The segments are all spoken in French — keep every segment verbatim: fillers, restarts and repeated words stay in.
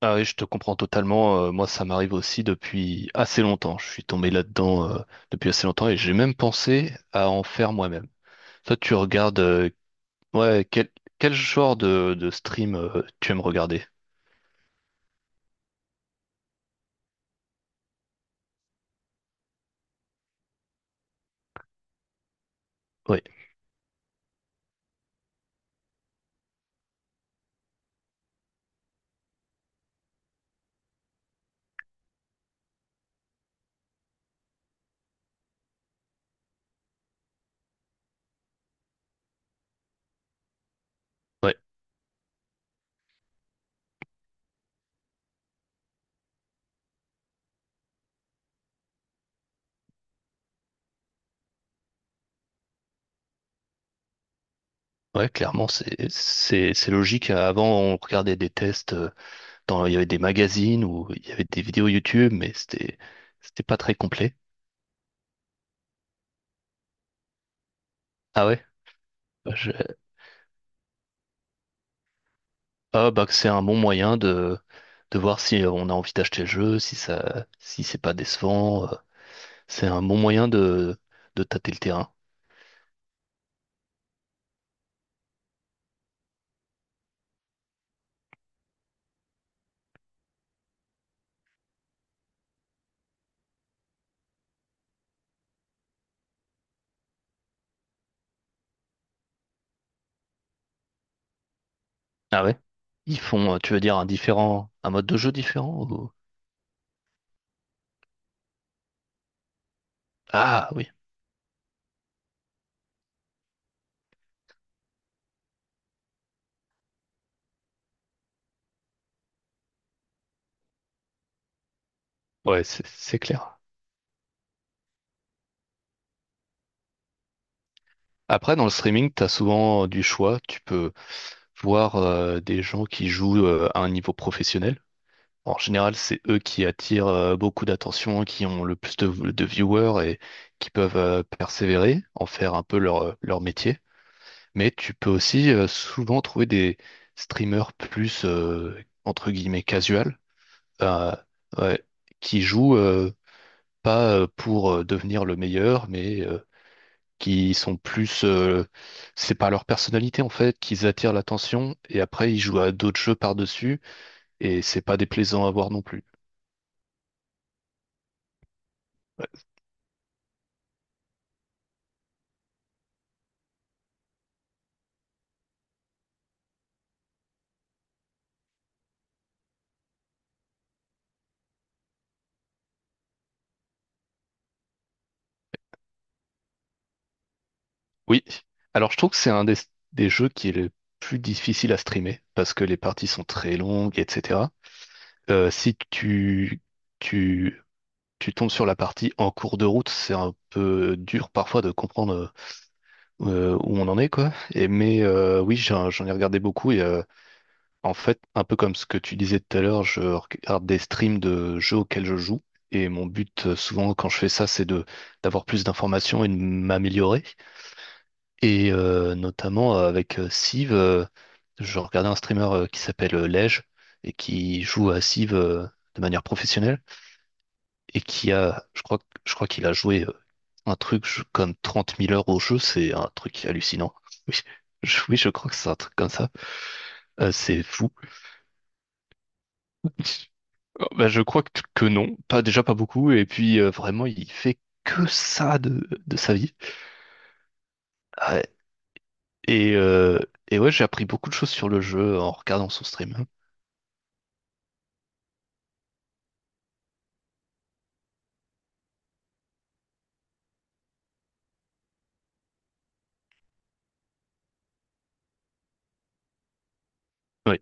Ah oui, je te comprends totalement. Euh, moi, ça m'arrive aussi depuis assez longtemps. Je suis tombé là-dedans euh, depuis assez longtemps et j'ai même pensé à en faire moi-même. Toi, tu regardes euh, ouais, quel, quel genre de, de stream euh, tu aimes regarder? Oui, ouais, ouais, clairement, c'est c'est c'est logique. Avant, on regardait des tests euh, dans il y avait des magazines ou il y avait des vidéos YouTube, mais c'était c'était pas très complet. Ah ouais? Ah bah que c'est un bon moyen de, de voir si euh, on a envie d'acheter le jeu, si ça, si c'est pas décevant. Euh, C'est un bon moyen de, de tâter le terrain. Ah ouais? Ils font, euh, tu veux dire, un différent, un mode de jeu différent ou- Ah oui, ouais, c'est c'est clair. Après, dans le streaming, t'as souvent euh, du choix. Tu peux voir euh, des gens qui jouent euh, à un niveau professionnel. En général, c'est eux qui attirent euh, beaucoup d'attention, qui ont le plus de, de viewers et qui peuvent euh, persévérer, en faire un peu leur, euh, leur métier. Mais tu peux aussi euh, souvent trouver des streamers plus, euh, entre guillemets, casual, euh, ouais, qui jouent euh, pas euh, pour euh, devenir le meilleur, mais euh, qui sont plus... euh, c'est par leur personnalité, en fait, qu'ils attirent l'attention et après, ils jouent à d'autres jeux par-dessus et c'est pas déplaisant à voir non plus. Oui. Alors, je trouve que c'est un des, des jeux qui est le plus difficile à streamer parce que les parties sont très longues, et cetera. Euh, si tu, tu, tu tombes sur la partie en cours de route, c'est un peu dur parfois de comprendre euh, où on en est, quoi. Et, mais euh, oui, j'en, j'en ai regardé beaucoup et euh, en fait, un peu comme ce que tu disais tout à l'heure, je regarde des streams de jeux auxquels je joue. Et mon but, euh, souvent, quand je fais ça, c'est de d'avoir plus d'informations et de m'améliorer. Et euh, notamment euh, avec euh, Civ, euh, je regardais un streamer euh, qui s'appelle euh, Lej et qui joue à Civ euh, de manière professionnelle et qui a, je crois, je crois qu'il a joué euh, un truc je- comme trente mille heures au jeu, c'est un truc hallucinant. Oui, je, oui, je crois que c'est un truc comme ça. Euh, c'est fou. Oh, bah, je crois que, que non, pas déjà pas beaucoup, et puis euh, vraiment il fait que ça de, de sa vie. Ouais. Et, euh, et ouais, j'ai appris beaucoup de choses sur le jeu en regardant son stream. Oui.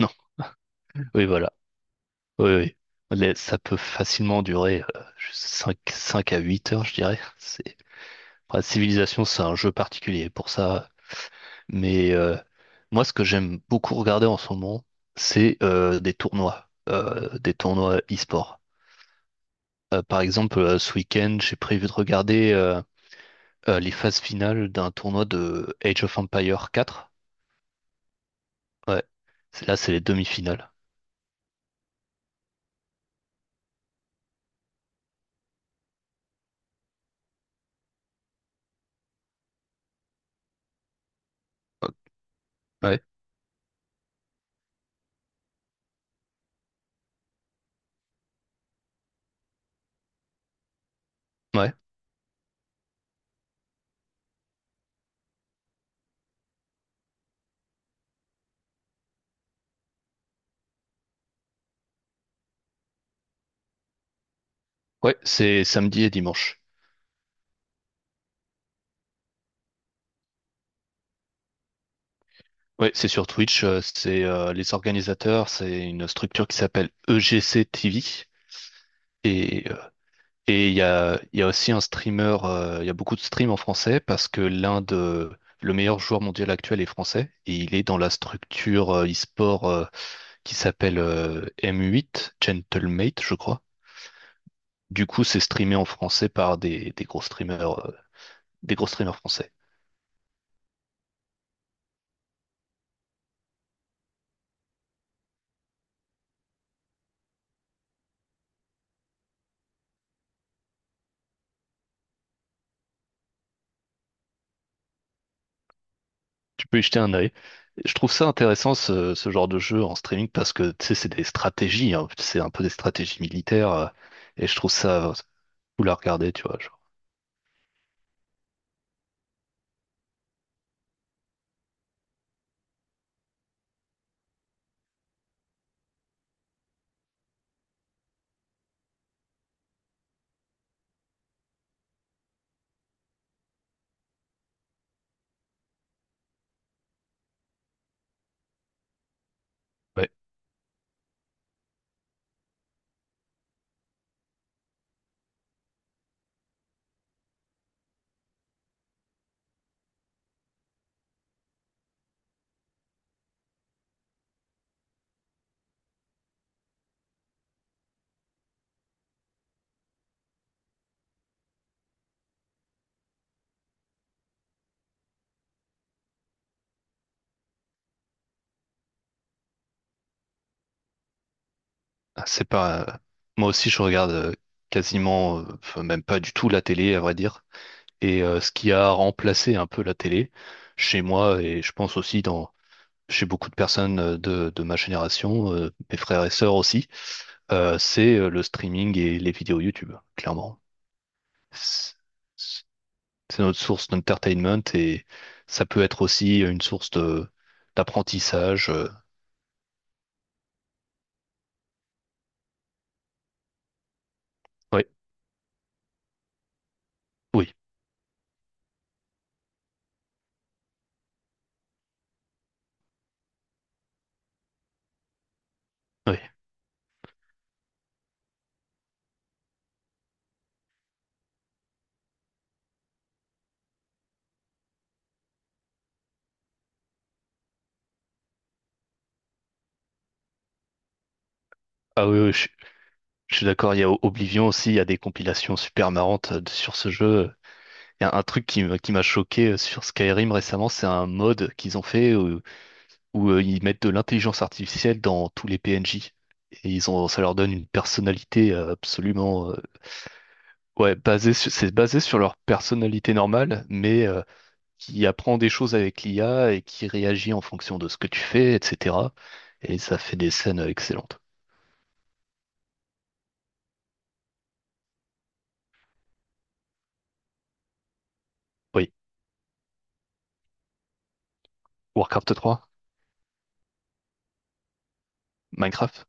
Non. Oui, voilà. Oui, oui. Les- Ça peut facilement durer euh, cinq 5 à huit heures, je dirais. C'est... Enfin, Civilization, c'est un jeu particulier pour ça. Mais euh, moi, ce que j'aime beaucoup regarder en ce moment, c'est euh, des tournois, euh, des tournois e-sport. Euh, par exemple, euh, ce week-end, j'ai prévu de regarder euh, euh, les phases finales d'un tournoi de Age of Empire quatre. Ouais. C'est- Là, c'est les demi-finales. Ouais. Ouais. Ouais, c'est samedi et dimanche. Oui, c'est sur Twitch, euh, c'est euh, les organisateurs, c'est une structure qui s'appelle E G C T V. Et euh, et il y a, il y a aussi un streamer, euh, il y a beaucoup de streams en français parce que l'un de le meilleur joueur mondial actuel est français et il est dans la structure euh, e-sport euh, qui s'appelle euh, M huit, Gentlemate, je crois. Du coup, c'est streamé en français par des, des gros streamers, euh, des gros streamers français. Tu peux y jeter un œil. Je trouve ça intéressant ce, ce genre de jeu en streaming parce que tu sais, c'est des stratégies, hein. C'est un peu des stratégies militaires euh, et je trouve ça euh, cool à regarder, tu vois. Genre. Bah, ah, c'est pas. Moi aussi, je regarde euh, quasiment, euh, enfin, même pas du tout la télé, à vrai dire. Et euh, ce qui a remplacé un peu la télé chez moi, et je pense aussi dans chez beaucoup de personnes euh, de, de ma génération, euh, mes frères et sœurs aussi, euh, c'est euh, le streaming et les vidéos YouTube, clairement. C'est c'est notre source d'entertainment et ça peut être aussi une source de d'apprentissage. euh. Oui, oui, oui. Ah oui, oui, je, je suis d'accord, il y a Oblivion aussi, il y a des compilations super marrantes euh, sur ce jeu. Il y a un truc qui m'a qui m'a choqué euh, sur Skyrim récemment, c'est un mode qu'ils ont fait où, où, euh, ils mettent de l'intelligence artificielle dans tous les P N J. Et ils ont, ça leur donne une personnalité euh, absolument... euh, ouais, basée sur- c'est basé sur leur personnalité normale, mais euh, qui apprend des choses avec l'I A et qui réagit en fonction de ce que tu fais, et cetera. Et ça fait des scènes euh, excellentes. Oui, Warcraft trois, Minecraft.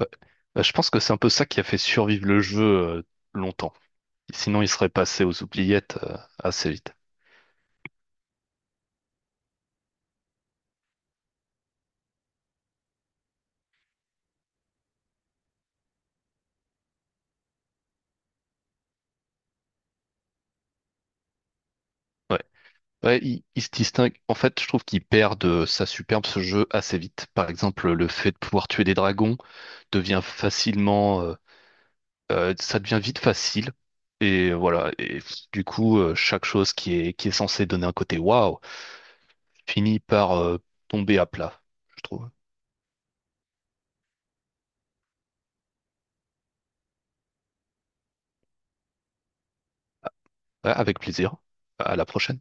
Ouais. Bah, je pense que c'est un peu ça qui a fait survivre le jeu euh, longtemps. Sinon, il serait passé aux oubliettes euh, assez vite. Ouais. Ouais, il, il se distingue. En fait, je trouve qu'il perd de sa superbe ce jeu assez vite. Par exemple, le fait de pouvoir tuer des dragons. devient facilement, euh, euh, ça devient vite facile. Et voilà. Et du coup, euh, chaque chose qui est, qui est censée donner un côté waouh finit par euh, tomber à plat, je trouve. Ouais, avec plaisir. À la prochaine.